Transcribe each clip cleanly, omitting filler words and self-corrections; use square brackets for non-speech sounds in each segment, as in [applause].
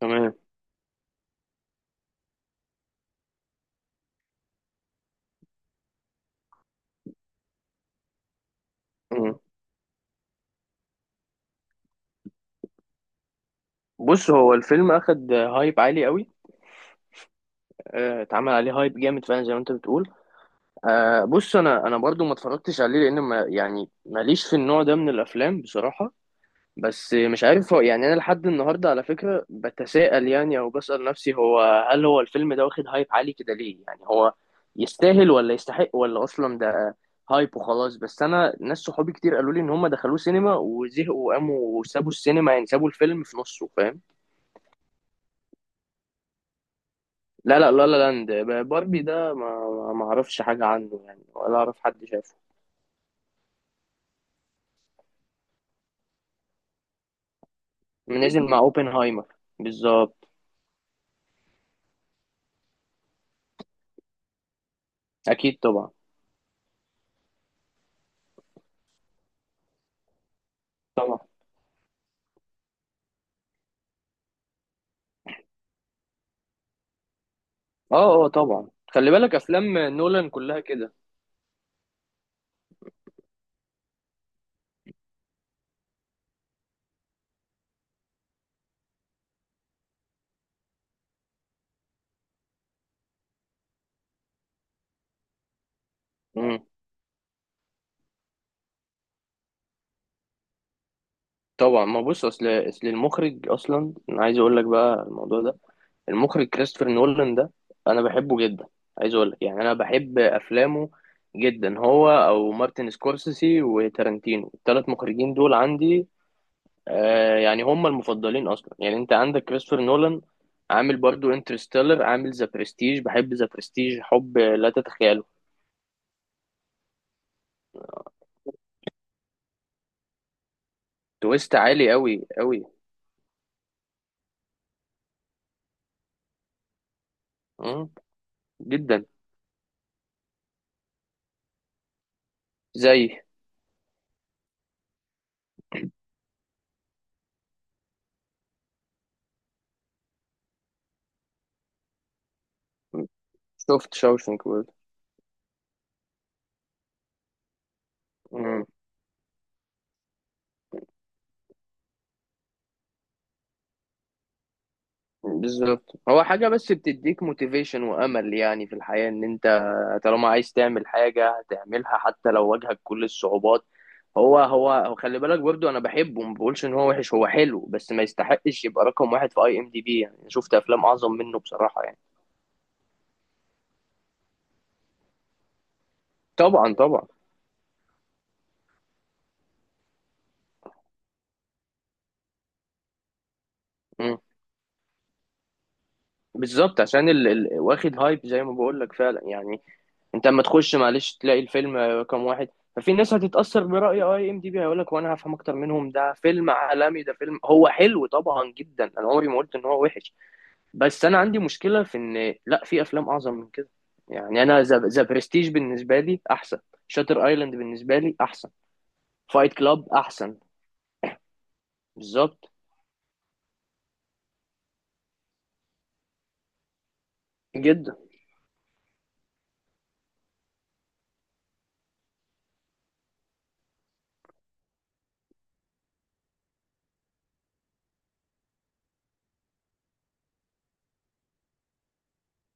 تمام. مم. بص، هو الفيلم اخد هايب عالي قوي. اتعمل عليه هايب جامد فعلا زي ما انت بتقول. بص، انا برضو ما اتفرجتش عليه لان ما يعني ماليش في النوع ده من الافلام بصراحة. بس مش عارف، هو يعني انا لحد النهارده على فكرة بتساءل يعني، او بسأل نفسي هو، هل هو الفيلم ده واخد هايب عالي كده ليه؟ يعني هو يستاهل ولا يستحق، ولا اصلا ده هايب وخلاص؟ بس انا ناس صحابي كتير قالوا لي ان هم دخلوه سينما وزهقوا وقاموا وسابوا السينما، يعني سابوا الفيلم في نصه، فاهم؟ لا لا، لا لا لاند. باربي ده ما اعرفش حاجة عنه يعني، ولا اعرف حد شافه. نزل مع اوبنهايمر، بالظبط. اكيد طبعا. طبعا، اه اه طبعا، خلي بالك افلام نولان كلها كده. امم، طبعا. ما بص، اصل المخرج اصلا، انا عايز اقول لك بقى الموضوع ده. المخرج كريستوفر نولان ده انا بحبه جدا. عايز اقول لك يعني انا بحب افلامه جدا، هو او مارتن سكورسيسي وتارانتينو، الثلاث مخرجين دول عندي آه يعني هم المفضلين اصلا. يعني انت عندك كريستوفر نولان، عامل برضو انترستيلر، عامل ذا برستيج. بحب ذا برستيج حب لا تتخيله. تويست عالي قوي قوي. مم، جدا. زي شفت شاوشنك برضو. بالظبط، هو حاجة بس بتديك موتيفيشن وأمل يعني في الحياة إن أنت طالما عايز تعمل حاجة هتعملها حتى لو واجهك كل الصعوبات. هو خلي بالك برضو، أنا بحبه، ما بقولش إن هو وحش، هو حلو، بس ما يستحقش يبقى رقم واحد في أي إم دي بي. يعني شفت أفلام أعظم منه بصراحة يعني. طبعا طبعا. مم. بالظبط. عشان واخد هايب زي ما بقول لك فعلا يعني. انت اما تخش، معلش، تلاقي الفيلم كام واحد، ففي ناس هتتأثر برأي اي ام دي بي، هيقول لك وانا هفهم اكتر منهم، ده فيلم عالمي، ده فيلم هو حلو طبعا جدا، انا عمري ما قلت ان هو وحش. بس انا عندي مشكلة في ان، لا، في افلام اعظم من كده. يعني انا ذا برستيج بالنسبة لي احسن، شاتر ايلاند بالنسبة لي احسن، فايت كلاب احسن. بالظبط، جدا.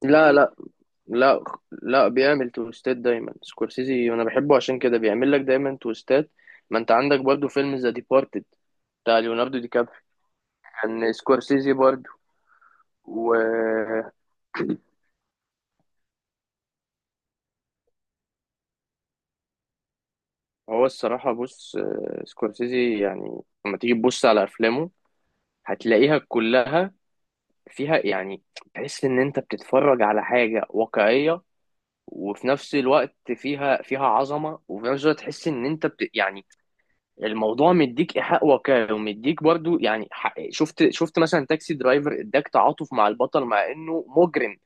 لا، لا، لا لا بيعمل تويستات دايما سكورسيزي، انا بحبه عشان كده بيعمل لك دايما تويستات. ما انت عندك برضو فيلم ذا ديبارتد بتاع ليوناردو دي كابريو، كان سكورسيزي برضو. وهو [clears throat] الصراحة بص، سكورسيزي يعني لما تيجي تبص على أفلامه هتلاقيها كلها فيها يعني، تحس إن أنت بتتفرج على حاجة واقعية، وفي نفس الوقت فيها عظمة، وفي نفس الوقت تحس إن أنت بت يعني الموضوع مديك ايحاء واقعي ومديك برضو يعني. شفت مثلا تاكسي درايفر اداك تعاطف مع البطل مع انه مجرم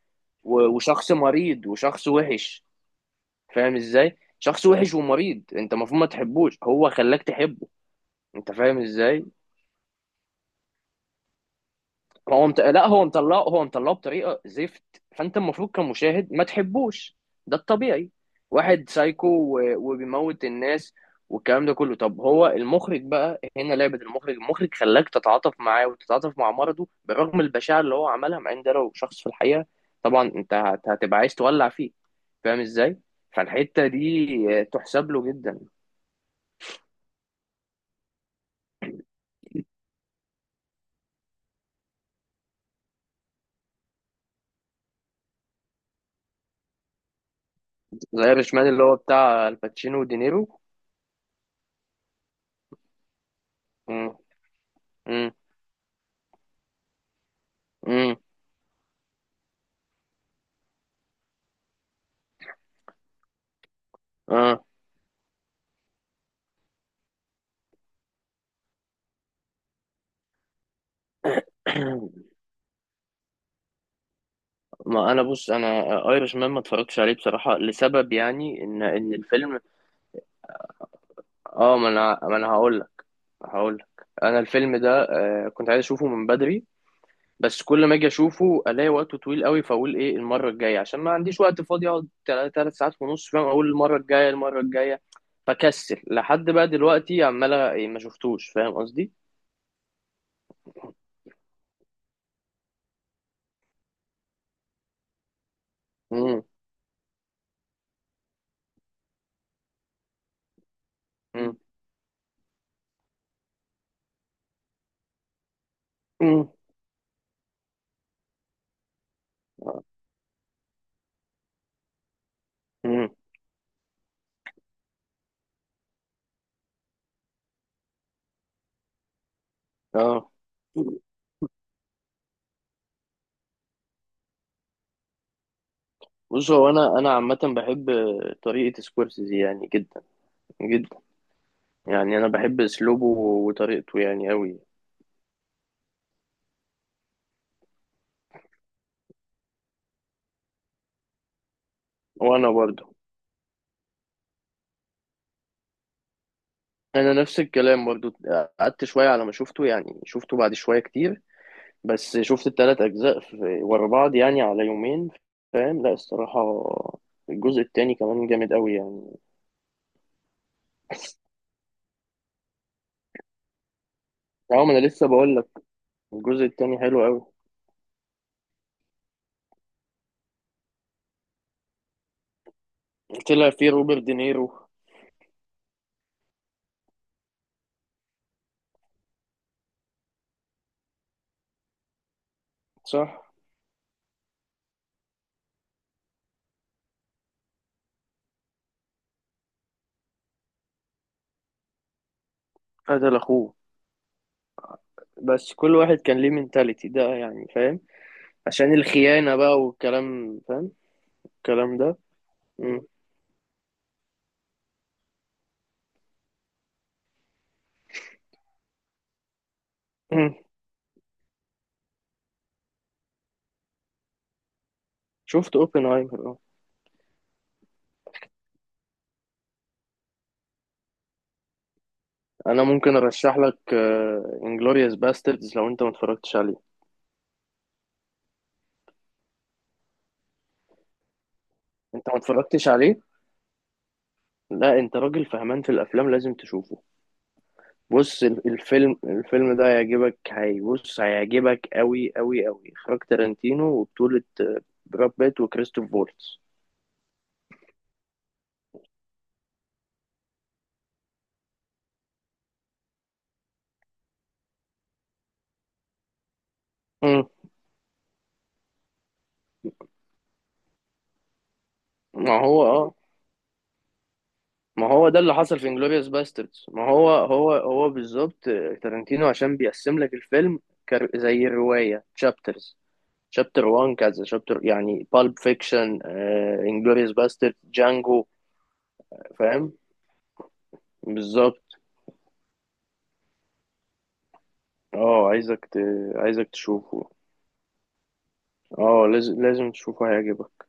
وشخص مريض وشخص وحش. فاهم ازاي؟ شخص وحش ومريض انت المفروض ما تحبوش، هو خلاك تحبه. انت فاهم ازاي؟ لا، هو مطلعه بطريقه زفت، فانت المفروض كمشاهد ما تحبوش، ده الطبيعي. واحد سايكو وبيموت الناس والكلام ده كله. طب هو المخرج بقى هنا لعبة المخرج، المخرج خلاك تتعاطف معاه وتتعاطف مع مرضه برغم البشاعة اللي هو عملها، مع ان ده لو شخص في الحقيقة طبعا انت هتبقى عايز تولع فيه. فاهم ازاي؟ فالحتة دي تحسب له جدا. زي رشمان اللي هو بتاع الباتشينو ودينيرو. امم. امم. امم. اه. [clears throat] [coughs] ما انا بص، انا ايرش مان ما اتفرجتش عليه بصراحه لسبب، يعني ان الفيلم اه. ما انا هقول لك. هقول لك انا الفيلم ده كنت عايز اشوفه من بدري، بس كل ما اجي اشوفه الاقي وقته طويل قوي، فاقول ايه المره الجايه عشان ما عنديش وقت فاضي اقعد ثلاث ساعات ونص، فاهم؟ اقول المره الجايه المره الجايه، فكسل لحد بقى دلوقتي عمال ما شفتوش، فاهم قصدي؟ امم امم امم امم اه. بص، هو انا عامه بحب طريقه سكورسيزي يعني جدا جدا، يعني انا بحب اسلوبه وطريقته يعني قوي. وانا برضه انا نفس الكلام برضه، قعدت شويه على ما شفته، يعني شفته بعد شويه كتير. بس شفت التلات اجزاء في ورا بعض يعني على يومين، فاهم؟ لا، الصراحه الجزء التاني كمان جامد قوي يعني [laughs] اه ما انا لسه بقول لك الجزء التاني حلو قوي. طلع فيه روبرت دينيرو. صح. قتل اخوه. بس كل واحد كان ليه منتاليتي ده، يعني فاهم؟ عشان الخيانه بقى والكلام، فاهم؟ الكلام ده. مم. [clears throat] شفت اوبنهايمر اه. انا ممكن ارشح لك انجلوريوس باستردز لو انت ما اتفرجتش عليه. انت ما اتفرجتش عليه؟ لا، انت راجل فهمان في الافلام، لازم تشوفه. بص، الفيلم ده هيعجبك، هي بص هيعجبك قوي قوي قوي، اخراج تارانتينو وبطولة براد بيت وكريستوف فولتز. مم. ما هو اه. ما هو ده اللي حصل في انجلوريوس باستردز، ما هو هو بالظبط. تارانتينو عشان بيقسم لك الفيلم، زي الرواية، تشابترز. شابتر 1، كذا شابتر يعني، بالب فيكشن، انجلوريوس باستر، جانجو. فاهم؟ بالظبط. اه عايزك تشوفه. اه، لازم تشوفه هيعجبك.